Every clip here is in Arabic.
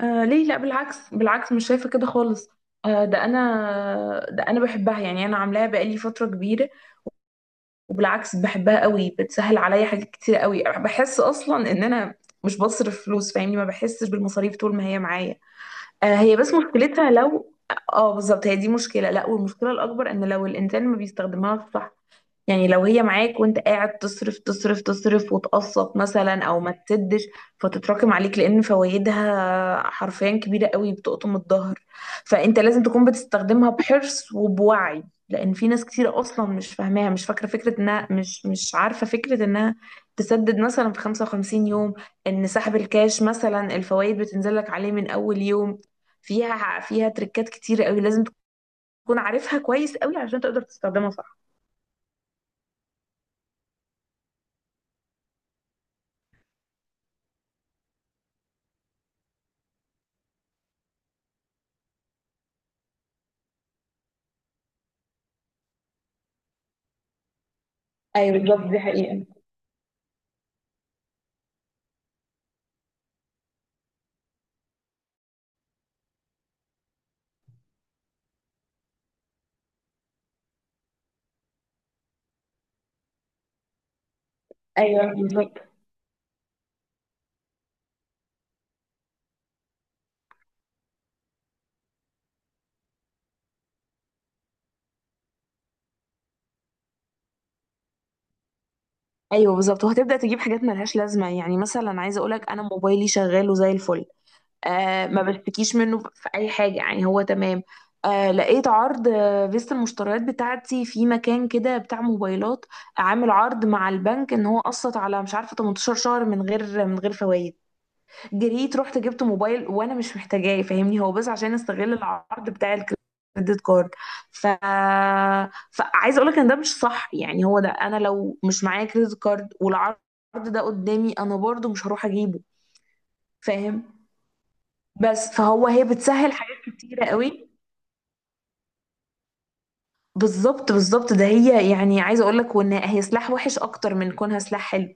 آه، ليه لا؟ بالعكس بالعكس، مش شايفة كده خالص. آه، ده انا بحبها يعني، انا عاملاها بقالي فترة كبيرة. وبالعكس بحبها قوي، بتسهل عليا حاجات كتير قوي، بحس اصلا ان انا مش بصرف فلوس. فاهمني، ما بحسش بالمصاريف طول ما هي معايا. آه، هي بس مشكلتها لو... اه بالظبط، هي دي مشكلة. لا، والمشكلة الاكبر ان لو الانسان ما بيستخدمهاش صح. يعني لو هي معاك وانت قاعد تصرف تصرف تصرف وتقسط مثلا او ما تسدش، فتتراكم عليك، لان فوائدها حرفيا كبيرة قوي، بتقطم الظهر. فانت لازم تكون بتستخدمها بحرص وبوعي، لان في ناس كتير اصلا مش فاهماها، مش فاكرة فكرة انها، مش عارفة فكرة انها تسدد مثلا في 55 يوم. ان سحب الكاش مثلا الفوائد بتنزل لك عليه من اول يوم. فيها تريكات كتير قوي، لازم تكون عارفها كويس قوي عشان تقدر تستخدمها صح. ايوه بالظبط، دي حقيقة. ايوه بالظبط. ايوه بالظبط، وهتبدا تجيب حاجات ملهاش لازمه. يعني مثلا عايزه اقولك، انا موبايلي شغال وزي الفل. آه، ما بشتكيش منه في اي حاجه، يعني هو تمام. آه، لقيت عرض، فيست المشتريات بتاعتي في مكان كده بتاع موبايلات، عامل عرض مع البنك ان هو قسط على، مش عارفه، 18 شهر من غير فوائد. جريت رحت جبت موبايل وانا مش محتاجاه، فاهمني، هو بس عشان استغل العرض بتاع الكريدت كارد. ف فعايزه اقول لك ان ده مش صح. يعني هو ده، انا لو مش معايا كريدت كارد والعرض ده قدامي انا برضو مش هروح اجيبه. فاهم؟ بس هي بتسهل حاجات كتيره قوي. بالظبط بالظبط، ده هي يعني، عايزه اقول لك وان هي سلاح وحش اكتر من كونها سلاح حلو.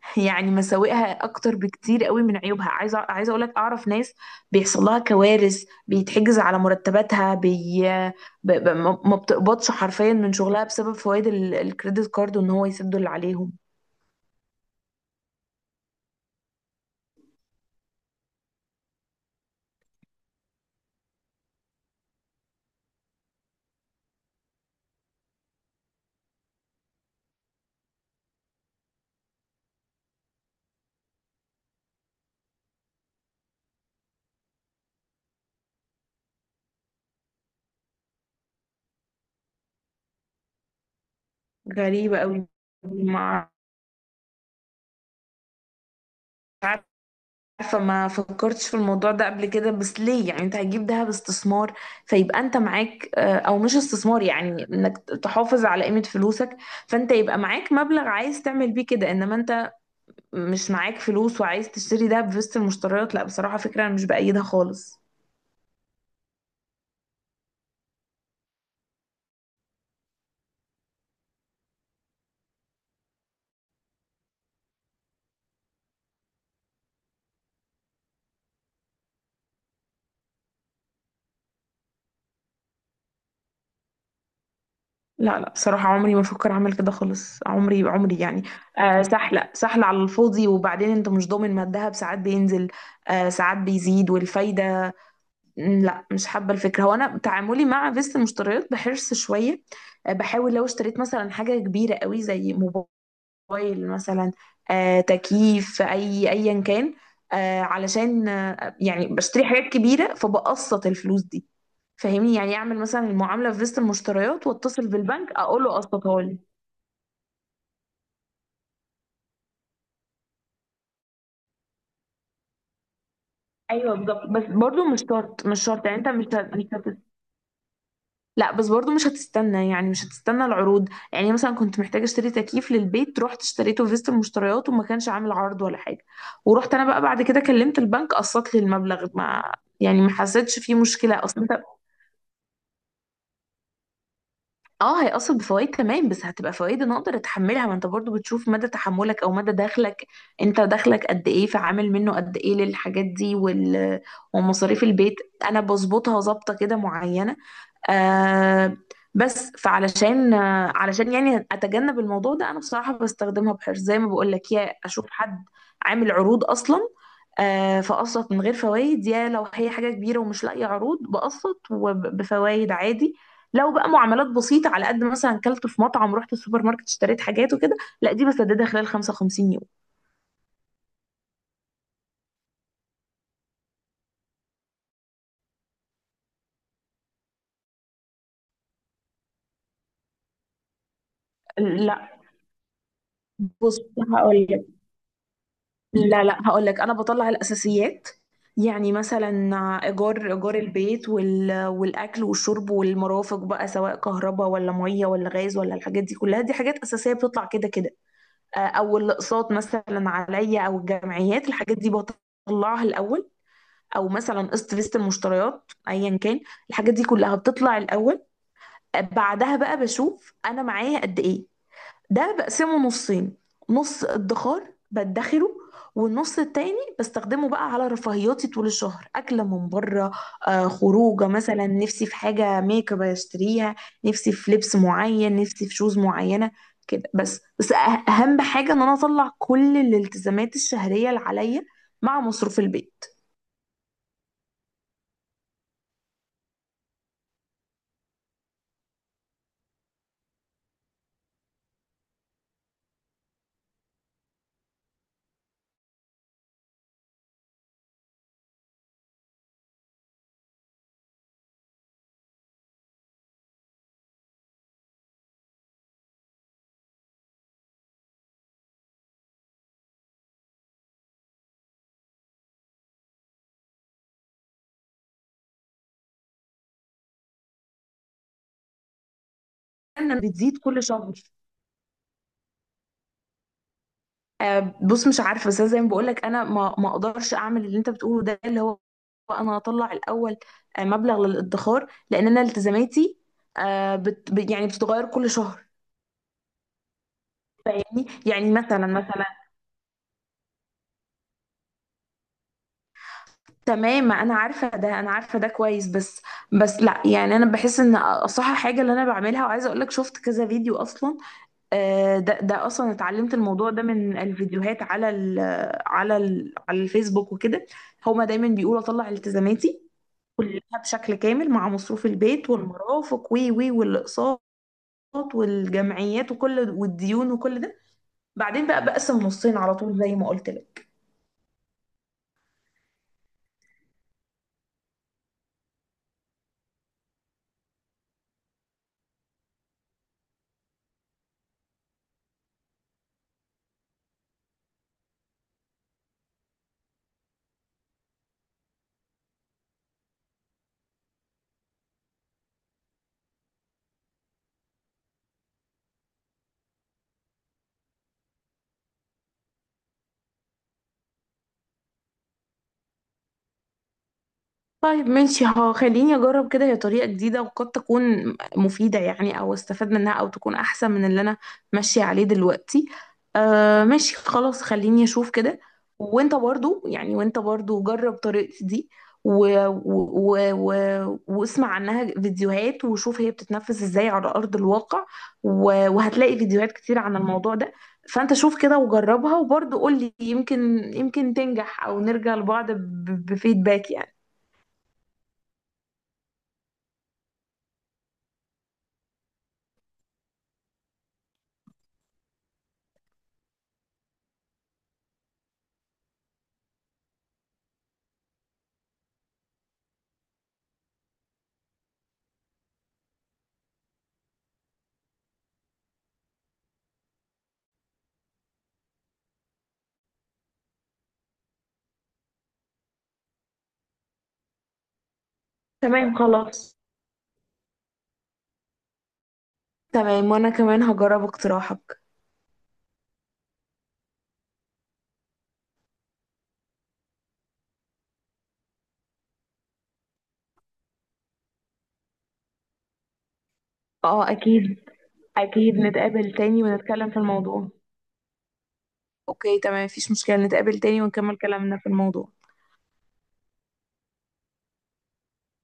يعني مساوئها اكتر بكتير قوي من عيوبها. عايزه اقول لك، اعرف ناس بيحصل لها كوارث، بيتحجز على مرتباتها، ما ما بتقبضش حرفيا من شغلها بسبب فوائد الكريدت كارد، وان هو يسدوا اللي عليهم. غريبه قوي. ما عارفة، ما فكرتش في الموضوع ده قبل كده. بس ليه يعني؟ انت هتجيب دهب استثمار، فيبقى انت معاك، او مش استثمار، يعني انك تحافظ على قيمة فلوسك. فانت يبقى معاك مبلغ عايز تعمل بيه كده، انما انت مش معاك فلوس وعايز تشتري دهب في وسط المشتريات. لا بصراحة، فكرة انا مش بأيدها خالص. لا، لا بصراحة، عمري ما افكر اعمل كده خالص. عمري، عمري يعني. آه، سهلة سهلة على الفاضي. وبعدين انت مش ضامن، ما الدهب ساعات بينزل. آه، ساعات بيزيد والفايدة. مم، لا مش حابة الفكرة. هو أنا تعاملي مع فيست المشتريات بحرص شوية. آه، بحاول لو اشتريت مثلا حاجة كبيرة قوي، زي موبايل مثلا، آه، تكييف، أي أيا كان. آه، علشان، يعني بشتري حاجات كبيرة فبقسط الفلوس دي. فاهمني، يعني أعمل مثلا المعاملة في فيست المشتريات وأتصل بالبنك أقول له قسطها لي. أيوه بالظبط. بس برضو مش شرط، مش شرط، يعني أنت مش مش هت- لا. بس برضو مش هتستنى، يعني مش هتستنى العروض. يعني مثلا كنت محتاجة اشتري تكييف للبيت، رحت اشتريته في فيست المشتريات وما كانش عامل عرض ولا حاجة، ورحت انا بقى بعد كده كلمت البنك قسط لي المبلغ. ما يعني ما حسيتش فيه مشكلة اصلا انت. اه، هيأثر بفوائد تمام، بس هتبقى فوائد انا اقدر اتحملها. ما انت برضو بتشوف مدى تحملك او مدى دخلك. انت دخلك قد ايه، فعامل منه قد ايه للحاجات دي ومصاريف البيت. انا بظبطها ظابطة كده معينة. آه. بس فعلشان آه علشان يعني اتجنب الموضوع ده، انا بصراحة بستخدمها بحرص، زي ما بقول لك، يا اشوف حد عامل عروض اصلا، آه، فاقسط من غير فوائد. يا لو هي حاجة كبيرة ومش لاقية عروض بقسط وبفوائد عادي. لو بقى معاملات بسيطة على قد، مثلا كلت في مطعم رحت السوبر ماركت اشتريت حاجات وكده، لا دي بسددها خلال 55 يوم. لا، بص، هقول لك، لا، لا، هقول لك، انا بطلع الاساسيات. يعني مثلا، ايجار البيت والاكل والشرب والمرافق، بقى سواء كهرباء ولا ميه ولا غاز، ولا الحاجات دي كلها، دي حاجات اساسيه بتطلع كده كده. آه، او الاقساط مثلا عليا، او الجمعيات، الحاجات دي بطلعها الاول، او مثلا قسط فيست المشتريات ايا كان. الحاجات دي كلها بتطلع الاول. بعدها بقى بشوف انا معايا قد ايه، ده بقسمه نصين. نص ادخار بدخره، والنص التاني بستخدمه بقى على رفاهياتي طول الشهر، اكله من بره، آه، خروجه مثلا، نفسي في حاجه ميك اب اشتريها، نفسي في لبس معين، نفسي في شوز معينه. كده. بس اهم حاجه ان انا اطلع كل الالتزامات الشهريه اللي عليا مع مصروف البيت، ان بتزيد كل شهر. آه، بص، مش عارفه، بس أنا زي ما بقولك، انا ما ما اقدرش اعمل اللي انت بتقوله ده اللي هو، انا هطلع الاول آه، مبلغ للادخار، لان انا التزاماتي، آه، يعني بتتغير كل شهر. فاهمني، يعني مثلا، تمام، ما انا عارفه ده، انا عارفه ده كويس، بس، بس لا يعني، انا بحس ان اصح حاجه اللي انا بعملها. وعايزه اقول لك، شفت كذا فيديو اصلا. آه، ده اصلا اتعلمت الموضوع ده من الفيديوهات على ال، على الفيسبوك وكده. هما دايما بيقولوا اطلع التزاماتي كلها بشكل كامل مع مصروف البيت والمرافق وي وي والاقساط والجمعيات، والديون وكل ده. بعدين بقى بقسم نصين على طول زي ما قلت لك. طيب ماشي، ها، خليني اجرب كده، هي طريقة جديدة وقد تكون مفيدة يعني، او استفاد منها او تكون احسن من اللي انا ماشية عليه دلوقتي. آه ماشي، خلاص، خليني اشوف كده. وانت برضو جرب طريقتي دي واسمع عنها فيديوهات وشوف هي بتتنفذ ازاي على ارض الواقع. و... وهتلاقي فيديوهات كتير عن الموضوع ده. فانت شوف كده وجربها وبرضو قولي، يمكن تنجح او نرجع لبعض بفيدباك يعني. تمام خلاص. تمام، وانا كمان هجرب اقتراحك. اه، اكيد. اكيد نتقابل تاني ونتكلم في الموضوع. اوكي تمام، مفيش مشكلة، نتقابل تاني ونكمل كلامنا في الموضوع.